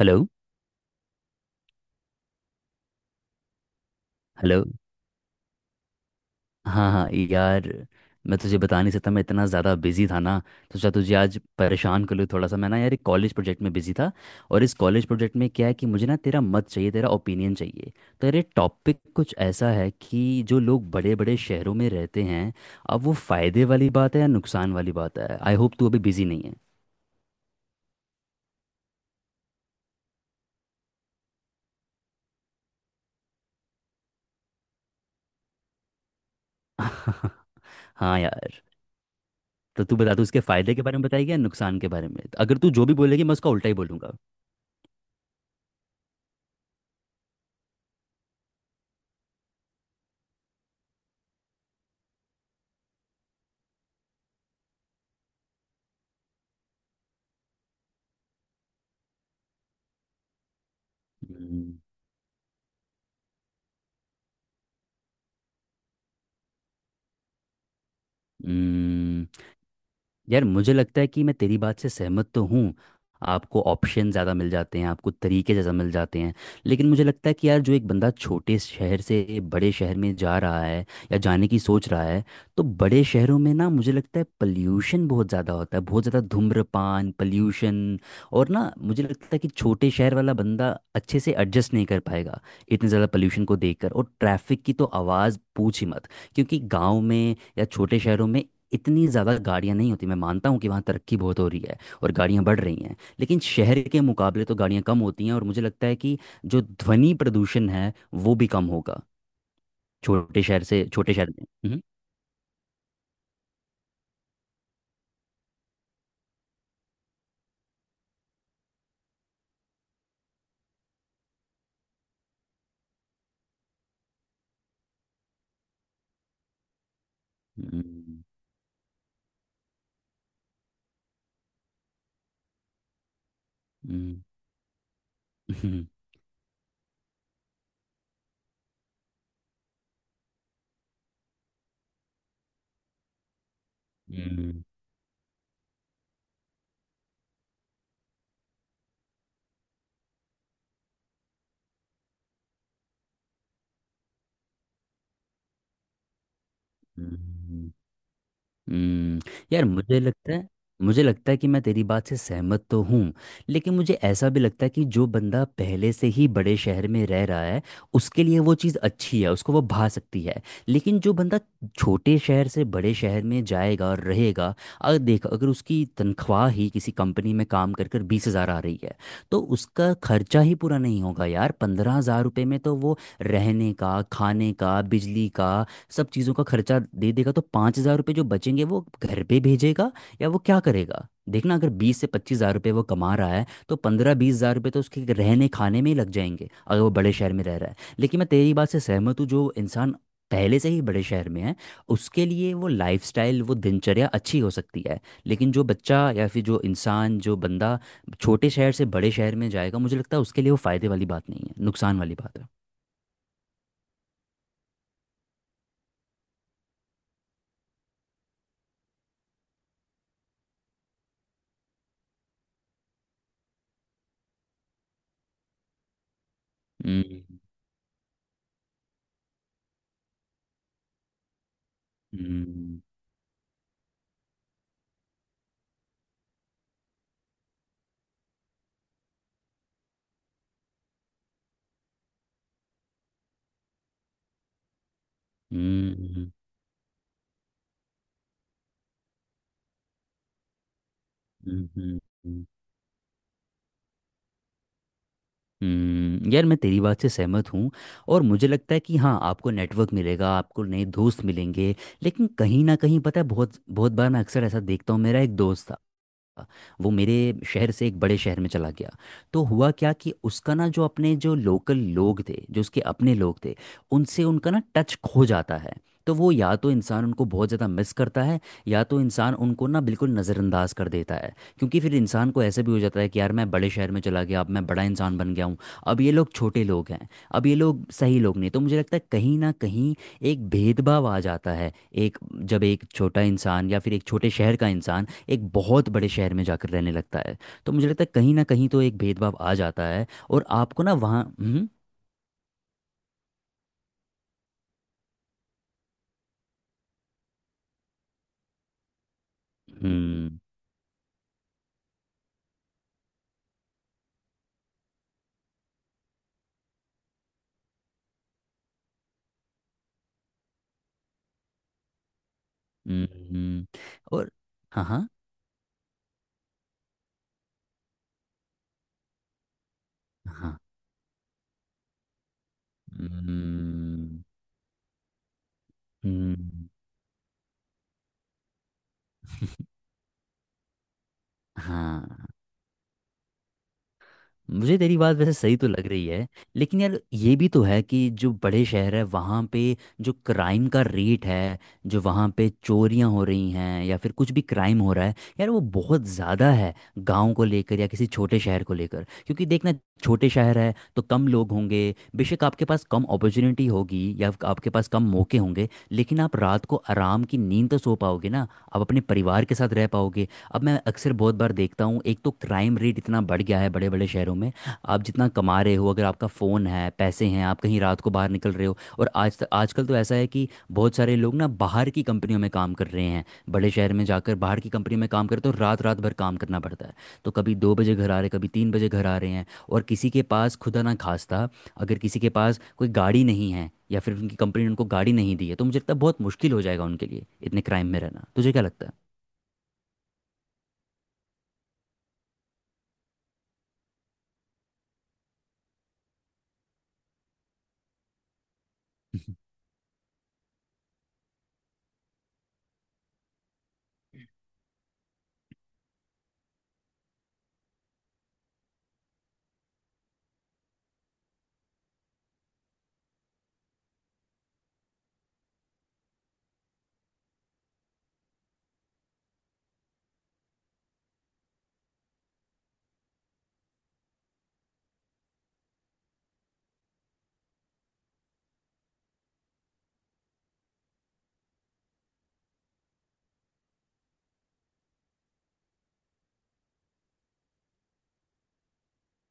Hello. Hello. हाँ हाँ यार, मैं तुझे बता नहीं सकता मैं इतना ज़्यादा बिजी था ना। तो सोचा तुझे आज परेशान कर लूँ थोड़ा सा। मैं ना यार एक कॉलेज प्रोजेक्ट में बिजी था। और इस कॉलेज प्रोजेक्ट में क्या है कि मुझे ना तेरा मत चाहिए, तेरा ओपिनियन चाहिए। तो यार ये टॉपिक कुछ ऐसा है कि जो लोग बड़े बड़े शहरों में रहते हैं, अब वो फ़ायदे वाली बात है या नुकसान वाली बात है। आई होप तू अभी बिजी नहीं है। हाँ यार। तो तू बता, तू इसके फ़ायदे के बारे में बताएगी या नुकसान के बारे में। अगर तू जो भी बोलेगी मैं उसका उल्टा ही बोलूँगा। हम्म। यार मुझे लगता है कि मैं तेरी बात से सहमत तो हूँ। आपको ऑप्शन ज़्यादा मिल जाते हैं, आपको तरीके ज़्यादा मिल जाते हैं। लेकिन मुझे लगता है कि यार जो एक बंदा छोटे शहर से बड़े शहर में जा रहा है या जाने की सोच रहा है, तो बड़े शहरों में ना मुझे लगता है पल्यूशन बहुत ज़्यादा होता है, बहुत ज़्यादा धूम्रपान पल्यूशन। और ना मुझे लगता है कि छोटे शहर वाला बंदा अच्छे से एडजस्ट नहीं कर पाएगा इतने ज़्यादा पल्यूशन को देखकर। और ट्रैफिक की तो आवाज़ पूछ ही मत। क्योंकि गाँव में या छोटे शहरों में इतनी ज़्यादा गाड़ियाँ नहीं होती। मैं मानता हूँ कि वहाँ तरक्की बहुत हो रही है और गाड़ियाँ बढ़ रही हैं, लेकिन शहर के मुकाबले तो गाड़ियाँ कम होती हैं। और मुझे लगता है कि जो ध्वनि प्रदूषण है वो भी कम होगा। छोटे शहर से छोटे शहर में। हम्म। हम्म। हम्म। हम्म। हम्म। हम्म। हम्म। हम्म। यार मुझे लगता है, मुझे लगता है कि मैं तेरी बात से सहमत तो हूँ। लेकिन मुझे ऐसा भी लगता है कि जो बंदा पहले से ही बड़े शहर में रह रहा है उसके लिए वो चीज़ अच्छी है, उसको वो भा सकती है। लेकिन जो बंदा छोटे शहर से बड़े शहर में जाएगा और रहेगा, अगर देख अगर उसकी तनख्वाह ही किसी कंपनी में काम कर कर 20 हज़ार आ रही है, तो उसका खर्चा ही पूरा नहीं होगा यार। 15 हज़ार रुपये में तो वो रहने का, खाने का, बिजली का, सब चीज़ों का खर्चा दे देगा। तो 5 हज़ार रुपये जो बचेंगे वो घर पे भेजेगा या वो क्या करेगा? देखना, अगर 20 से 25 हज़ार रुपये वो कमा रहा है तो 15 20 हज़ार रुपये तो उसके रहने खाने में ही लग जाएंगे, अगर वो बड़े शहर में रह रहा है। लेकिन मैं तेरी बात से सहमत हूँ, जो इंसान पहले से ही बड़े शहर में है उसके लिए वो लाइफस्टाइल, वो दिनचर्या अच्छी हो सकती है। लेकिन जो बच्चा या फिर जो इंसान, जो बंदा छोटे शहर से बड़े शहर में जाएगा, मुझे लगता है उसके लिए वो फायदे वाली बात नहीं है, नुकसान वाली बात है। हम्म। हम्म। हम्म। हम्म। हम्म। हम्म। हम्म। यार मैं तेरी बात से सहमत हूँ। और मुझे लगता है कि हाँ आपको नेटवर्क मिलेगा, आपको नए दोस्त मिलेंगे। लेकिन कहीं ना कहीं, पता है, बहुत बहुत बार मैं अक्सर ऐसा देखता हूँ, मेरा एक दोस्त था, वो मेरे शहर से एक बड़े शहर में चला गया। तो हुआ क्या कि उसका ना जो अपने जो लोकल लोग थे, जो उसके अपने लोग थे, उनसे उनका ना टच खो जाता है। तो वो या तो इंसान उनको बहुत ज़्यादा मिस करता है या तो इंसान उनको ना बिल्कुल नज़रअंदाज कर देता है। क्योंकि फिर इंसान को ऐसे भी हो जाता है कि यार मैं बड़े शहर में चला गया, अब मैं बड़ा इंसान बन गया हूँ, अब ये लोग छोटे लोग हैं, अब ये लोग सही लोग नहीं। तो मुझे लगता है कहीं ना कहीं एक भेदभाव आ जाता है। एक, जब एक छोटा इंसान या फिर एक छोटे शहर का इंसान एक बहुत बड़े शहर में जाकर रहने लगता है, तो मुझे लगता है कहीं ना कहीं तो एक भेदभाव आ जाता है। और आपको ना वहाँ हम्म। हम्म। हम्म। और हाँ हाँ हाँ। हम्म। हम्म। हाँ, मुझे तेरी बात वैसे सही तो लग रही है। लेकिन यार ये भी तो है कि जो बड़े शहर है वहाँ पे जो क्राइम का रेट है, जो वहाँ पे चोरियाँ हो रही हैं या फिर कुछ भी क्राइम हो रहा है यार, वो बहुत ज़्यादा है गांव को लेकर या किसी छोटे शहर को लेकर। क्योंकि देखना, छोटे शहर है तो कम लोग होंगे, बेशक आपके पास कम अपॉर्चुनिटी होगी या फिर आपके पास कम मौके होंगे, लेकिन आप रात को आराम की नींद तो सो पाओगे ना। आप अपने परिवार के साथ रह पाओगे। अब मैं अक्सर बहुत बार देखता हूँ, एक तो क्राइम रेट इतना बढ़ गया है बड़े बड़े शहरों में। आप जितना कमा रहे हो, अगर आपका फ़ोन है, पैसे हैं, आप कहीं रात को बाहर निकल रहे हो, और आज तक आजकल तो ऐसा है कि बहुत सारे लोग ना बाहर की कंपनियों में काम कर रहे हैं। बड़े शहर में जाकर बाहर की कंपनी में काम करते हो, रात रात भर काम करना पड़ता है। तो कभी 2 बजे घर आ रहे, कभी 3 बजे घर आ रहे हैं, और किसी के पास खुदा ना खास्ता, अगर किसी के पास कोई गाड़ी नहीं है या फिर उनकी कंपनी ने उनको गाड़ी नहीं दी है, तो मुझे लगता है बहुत मुश्किल हो जाएगा उनके लिए इतने क्राइम में रहना। तुझे क्या लगता है?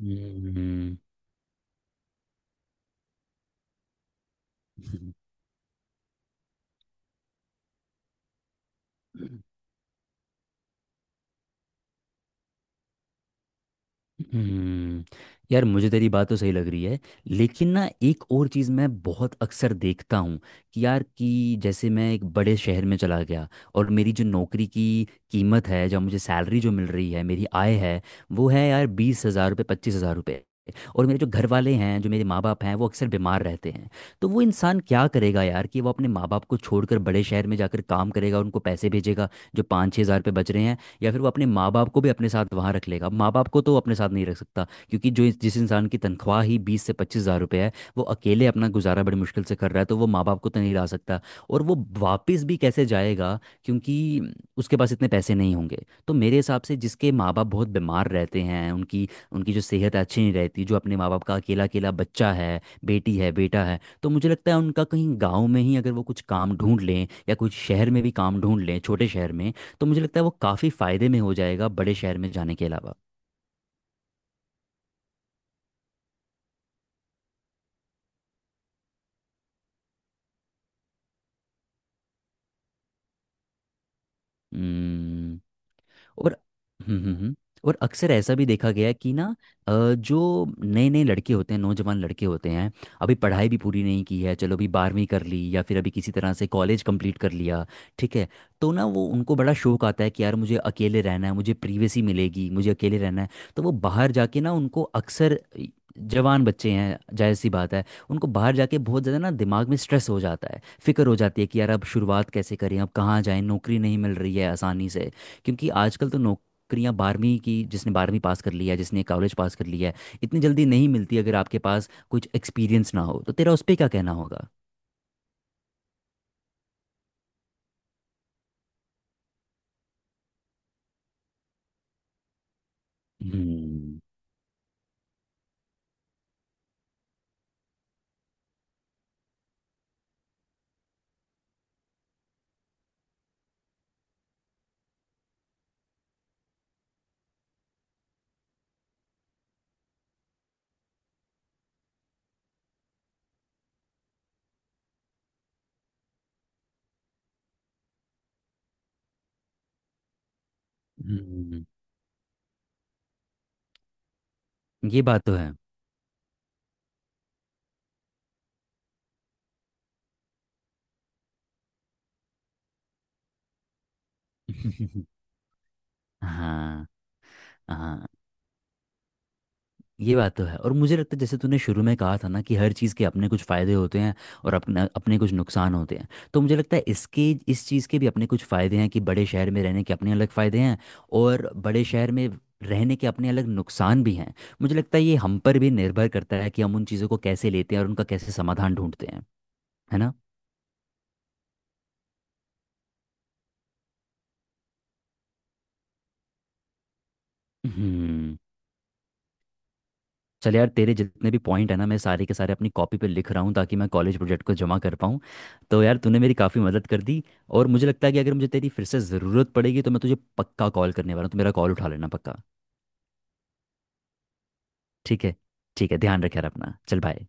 हम्म। हम्म। यार मुझे तेरी बात तो सही लग रही है, लेकिन ना एक और चीज़ मैं बहुत अक्सर देखता हूँ कि यार, कि जैसे मैं एक बड़े शहर में चला गया और मेरी जो नौकरी की कीमत है, जो मुझे सैलरी जो मिल रही है, मेरी आय है, वो है यार 20 हज़ार रुपये, 25 हज़ार रुपये। और मेरे जो घर वाले हैं, जो मेरे माँ बाप हैं, वो अक्सर बीमार रहते हैं। तो वो इंसान क्या करेगा यार, कि वो अपने माँ बाप को छोड़कर बड़े शहर में जाकर काम करेगा, उनको पैसे भेजेगा जो 5 6 हज़ार रुपये बच रहे हैं, या फिर वो अपने माँ बाप को भी अपने साथ वहाँ रख लेगा। माँ बाप को तो वो अपने साथ नहीं रख सकता क्योंकि जो जिस इंसान की तनख्वाह ही 20 से 25 हज़ार रुपये है, वो अकेले अपना गुजारा बड़ी मुश्किल से कर रहा है, तो वो माँ बाप को तो नहीं ला सकता। और वो वापस भी कैसे जाएगा, क्योंकि उसके पास इतने पैसे नहीं होंगे। तो मेरे हिसाब से, जिसके माँ बाप बहुत बीमार रहते हैं, उनकी उनकी जो सेहत है, अच्छी नहीं रहती, जो अपने माँ बाप का अकेला अकेला बच्चा है, बेटी है, बेटा है, तो मुझे लगता है उनका कहीं गाँव में ही अगर वो कुछ काम ढूंढ लें या कुछ शहर में भी काम ढूंढ लें, छोटे शहर में, तो मुझे लगता है वो काफ़ी फ़ायदे में हो जाएगा बड़े शहर में जाने के अलावा। हम्म। और हम्म। हम्म। हम्म। और अक्सर ऐसा भी देखा गया है कि ना जो नए नए लड़के होते हैं, नौजवान लड़के होते हैं, अभी पढ़ाई भी पूरी नहीं की है, चलो अभी 12वीं कर ली या फिर अभी किसी तरह से कॉलेज कंप्लीट कर लिया, ठीक है, तो ना वो, उनको बड़ा शौक आता है कि यार मुझे अकेले रहना है, मुझे प्रिवेसी मिलेगी, मुझे अकेले रहना है। तो वो बाहर जाके ना उनको अक्सर, जवान बच्चे हैं, जाहिर सी बात है, उनको बाहर जाके बहुत ज़्यादा ना दिमाग में स्ट्रेस हो जाता है, फिक्र हो जाती है कि यार अब शुरुआत कैसे करें, अब कहाँ जाएं, नौकरी नहीं मिल रही है आसानी से। क्योंकि आजकल तो नौकरियां, 12वीं की, जिसने 12वीं पास कर लिया है, जिसने कॉलेज पास कर लिया है, इतनी जल्दी नहीं मिलती अगर आपके पास कुछ एक्सपीरियंस ना हो। तो तेरा उस पर क्या कहना होगा? हम्म। हम्म। ये बात तो है। हाँ। हाँ, ये बात तो है। और मुझे लगता है जैसे तूने शुरू में कहा था ना, कि हर चीज़ के अपने कुछ फ़ायदे होते हैं और अपने अपने कुछ नुकसान होते हैं। तो मुझे लगता है इसके, इस चीज़ के भी अपने कुछ फ़ायदे हैं, कि बड़े शहर में रहने के अपने अलग फ़ायदे हैं और बड़े शहर में रहने के अपने अलग नुकसान भी हैं। मुझे लगता है ये हम पर भी निर्भर करता है कि हम उन चीज़ों को कैसे लेते हैं और उनका कैसे समाधान ढूंढते हैं। है ना। हम्म। चल यार, तेरे जितने भी पॉइंट है ना मैं सारे के सारे अपनी कॉपी पे लिख रहा हूँ ताकि मैं कॉलेज प्रोजेक्ट को जमा कर पाऊँ। तो यार तूने मेरी काफ़ी मदद कर दी। और मुझे लगता है कि अगर मुझे तेरी फिर से ज़रूरत पड़ेगी तो मैं तुझे पक्का कॉल करने वाला हूँ, तो मेरा कॉल उठा लेना पक्का। ठीक है। ठीक है, ध्यान रखे यार अपना, चल बाय।